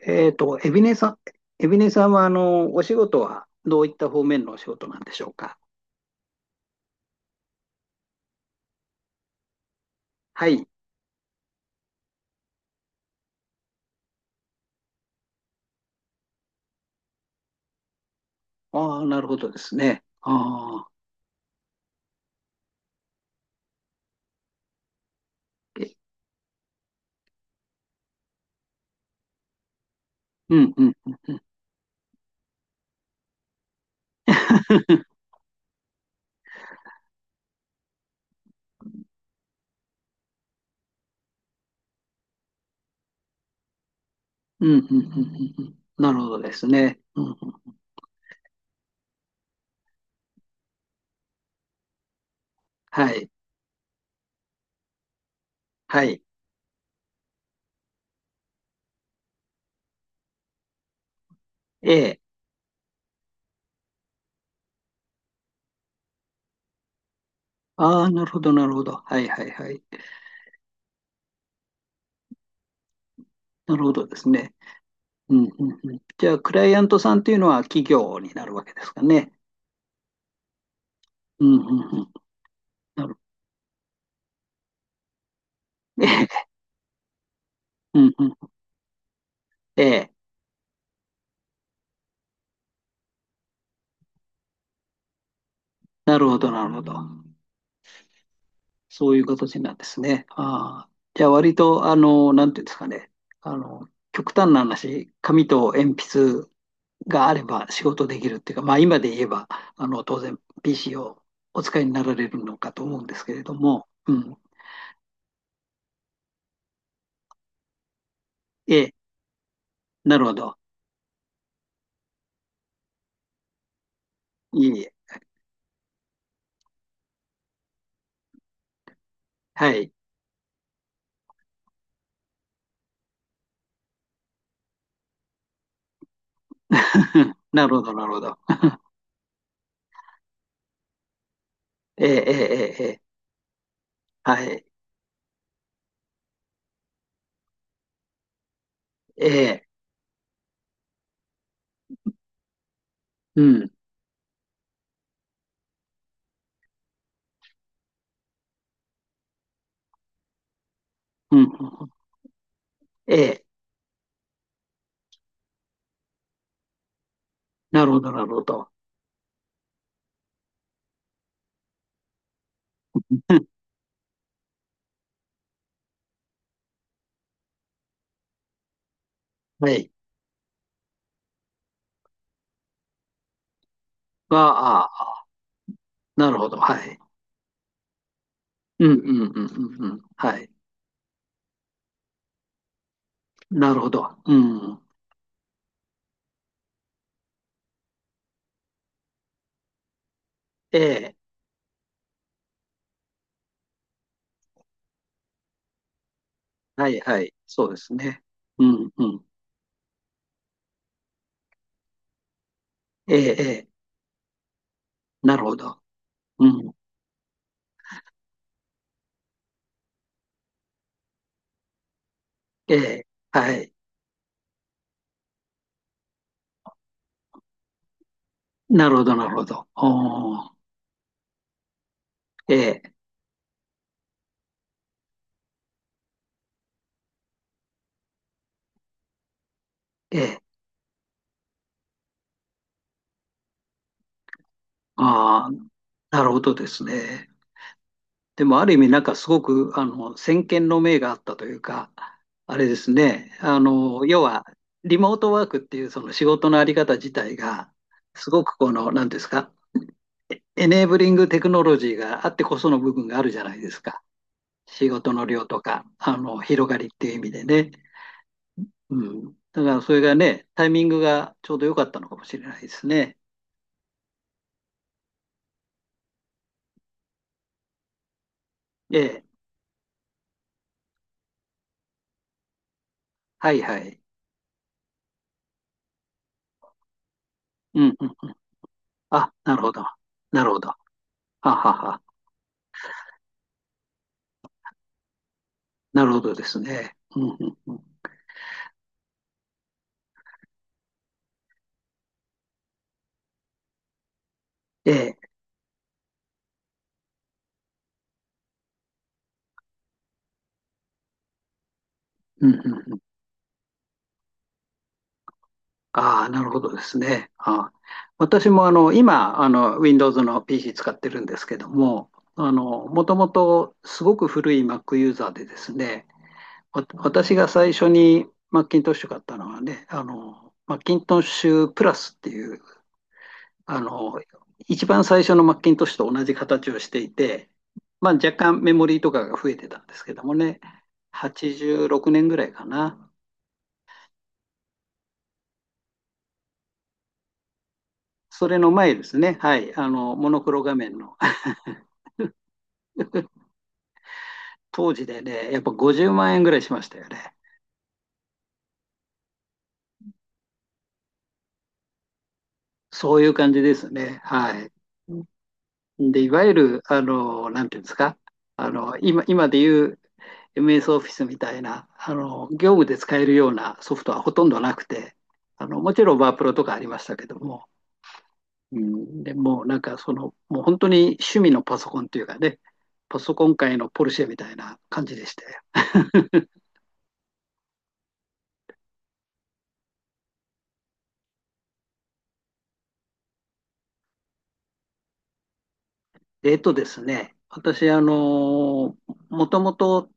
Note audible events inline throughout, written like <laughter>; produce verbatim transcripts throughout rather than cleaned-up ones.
えっと、エビネさん、エビネさんは、あの、お仕事はどういった方面のお仕事なんでしょうか。はい。ああ、なるほどですね。ああ、えうん、うん、うん、うん。<laughs> うん、うん、うん、うんうんなるほどですね。うんうんはい、はい。ええ。ああ、なるほど、なるほど。はい、はい、はい。なるほどですね。うん、うん、うん。じゃあ、クライアントさんというのは企業になるわけですかね。うん、うん、うん。なる、ええ、うん、うん。ええ。なるほど、なるほど。そういう形なんですね。ああ。じゃあ割と、あの、なんていうんですかね。あの、極端な話、紙と鉛筆があれば仕事できるっていうか、まあ今で言えば、あの、当然 ピーシー をお使いになられるのかと思うんですけれども、うん。ええ、なるほど。いえいえ。はい。<laughs> なるほど、なるほど。ええ、ええ、ええ、ええはい。ええ、うん、うん、うんうんええ、なるほど、なるほど。<laughs> はい。が、ああ、なるほど、はい。うんうんうんうんうん。はい。なるほど。うん。ええ。はいはい。そうですね。うんうん。ええ、ええ。なるほど。うん。ええ。はい。なるほど、なるほど。おー。ええ、ええ。ああ、なるほどですね。でも、ある意味、なんかすごく、あの、先見の明があったというか、あれですね。あの、要は、リモートワークっていうその仕事のあり方自体が、すごくこの、なんですか、エネーブリングテクノロジーがあってこその部分があるじゃないですか。仕事の量とか、あの、広がりっていう意味でね。うん。だからそれがね、タイミングがちょうど良かったのかもしれないですね。ええ。はいはい。うんうん。あ、なるほど。なるほど。ははは。なるほどですね。うんうんうん。ええ。うんうんうん。ああ、なるほどですね。ああ私もあの今あの、Windows の ピーシー 使ってるんですけども、あのもともとすごく古い Mac ユーザーでですね、わ私が最初に Macintosh 買ったのはね、あの Macintosh プラスっていうあの、一番最初の Macintosh と同じ形をしていて、まあ、若干メモリーとかが増えてたんですけどもね、はちじゅうろくねんぐらいかな。それの前ですね、はい、あのモノクロ画面の当時でね、やっぱごじゅうまん円ぐらいしましたよね。そういう感じですね。はい。で、いわゆる、あの、なんていうんですか、あの、今、今でいう エムエス オフィスみたいな、あの、業務で使えるようなソフトはほとんどなくて、あの、もちろんワープロとかありましたけども、うん、でもうなんかその、もう本当に趣味のパソコンというかね、パソコン界のポルシェみたいな感じでして。<laughs> えっとですね、私、あの、もともと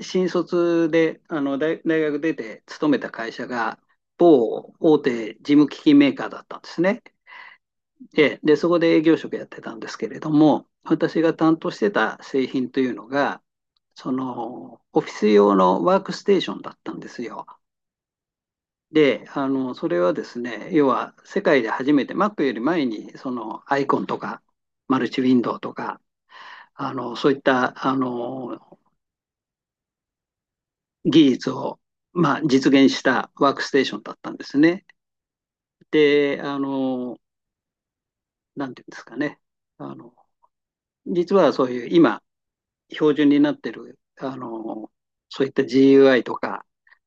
新卒で、あの、大、大学出て勤めた会社が、某大手事務機器メーカーだったんですね。で、で、そこで営業職やってたんですけれども、私が担当してた製品というのが、その、オフィス用のワークステーションだったんですよ。で、あの、それはですね、要は世界で初めて Mac より前に、その、アイコンとか、マルチウィンドウとか、あの、そういった、あの、技術を、まあ、実現したワークステーションだったんですね。で、あの、なんていうんですかね。あの、実はそういう今、標準になってる、あの、そういった ジーユーアイ とか、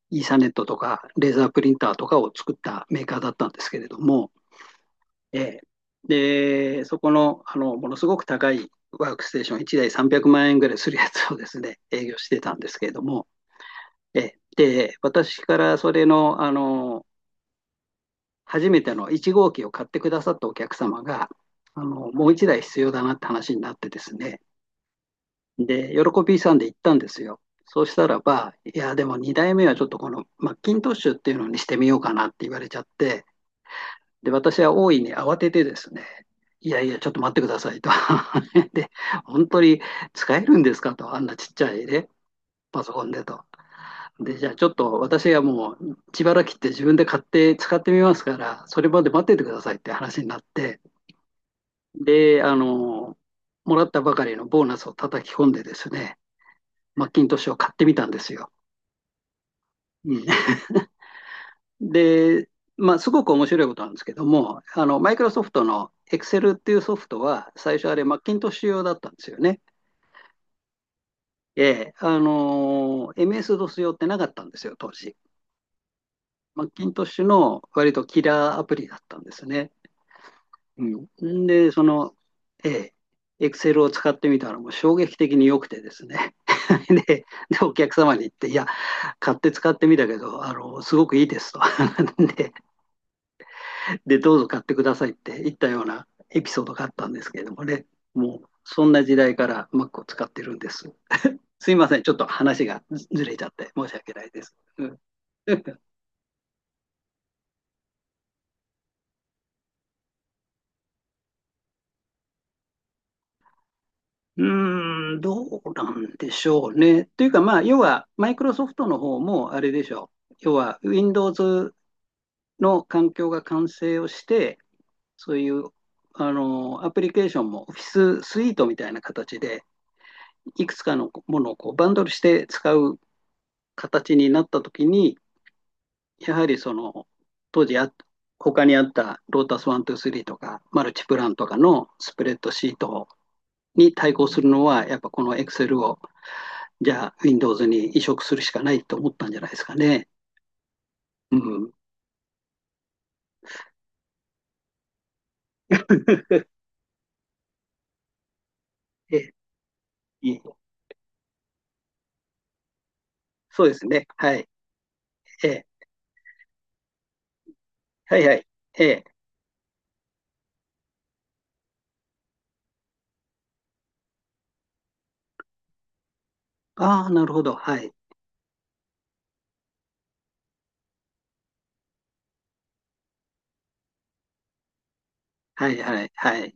イーサネットとか、レーザープリンターとかを作ったメーカーだったんですけれども、えーで、そこの、あの、ものすごく高いワークステーション、いちだいさんびゃくまん円ぐらいするやつをですね、営業してたんですけれども、えーで、私からそれの、あの、初めてのいちごうきを買ってくださったお客様が、あのもういちだい必要だなって話になってですね、で、喜びさんで行ったんですよ。そうしたらば、いや、でもに代目はちょっとこのマッキントッシュっていうのにしてみようかなって言われちゃって、で、私は大いに慌ててですね、いやいや、ちょっと待ってくださいと <laughs>。で、本当に使えるんですかと、あんなちっちゃいね、パソコンでと。で、じゃあちょっと私がもう自腹切って自分で買って使ってみますから、それまで待っててくださいって話になって、で、あの、もらったばかりのボーナスを叩き込んでですね、マッキントッシュを買ってみたんですよ。うん <laughs> で、まあ、すごく面白いことなんですけども、あの、マイクロソフトの Excel っていうソフトは、最初あれ、マッキントッシュ用だったんですよね。ええ、あの、エムエス-ドス 用ってなかったんですよ、当時。マッキントッシュの割とキラーアプリだったんですね。うん、で、その、ええ、Excel を使ってみたらもう衝撃的に良くてですね。で、で、お客様に言って、いや、買って使ってみたけど、あの、すごくいいですと <laughs>。で、で、どうぞ買ってくださいって言ったようなエピソードがあったんですけれどもね、もう、そんな時代から Mac を使ってるんです。すいません、ちょっと話がずれちゃって申し訳ないです。うん <laughs> うーん、どうなんでしょうね。というか、まあ、要は、マイクロソフトの方もあれでしょう。要は、Windows の環境が完成をして、そういうあのアプリケーションもオフィススイートみたいな形で、いくつかのものをこうバンドルして使う形になったときに、やはりその当時あ、他にあったロータスいちにーさんとかマルチプランとかのスプレッドシートに対抗するのは、やっぱこの Excel をじゃあ Windows に移植するしかないと思ったんじゃないですかね。うん <laughs>、ええそうですね。はい。ええはいはい。ええああ、なるほど。はい。はいはいはい。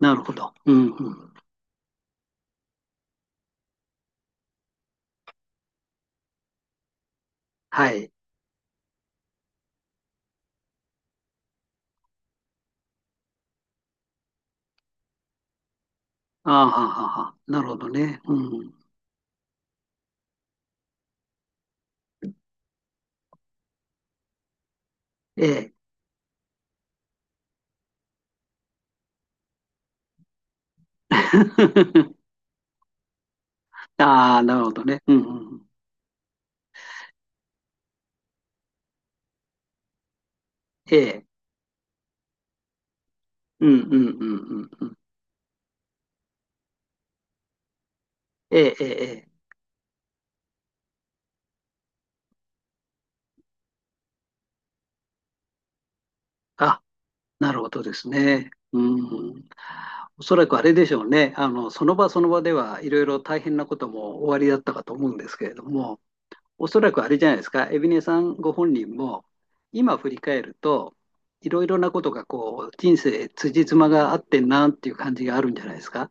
なるほど。うんうん。はい。ああ、はあはあはあなるほどね。うん。ええ。<laughs> ああ、なるほどね。うんうん。ええ。うんうんうんうんうん。ええ、ええ、ええ。あ、なるほどですね。うん。おそらくあれでしょうね。あの、その場その場ではいろいろ大変なこともおありだったかと思うんですけれども、おそらくあれじゃないですか、海老根さんご本人も、今振り返ると、いろいろなことがこう人生辻褄が合ってんなっていう感じがあるんじゃないですか。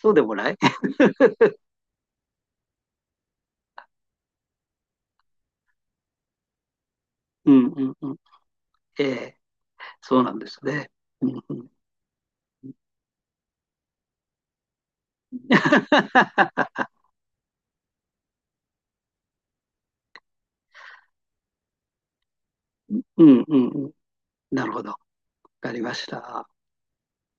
そうでもない <laughs> うんうんうん。ええそうなんですね。うんうん、<laughs> うんうんうん。なるほど。わかりました。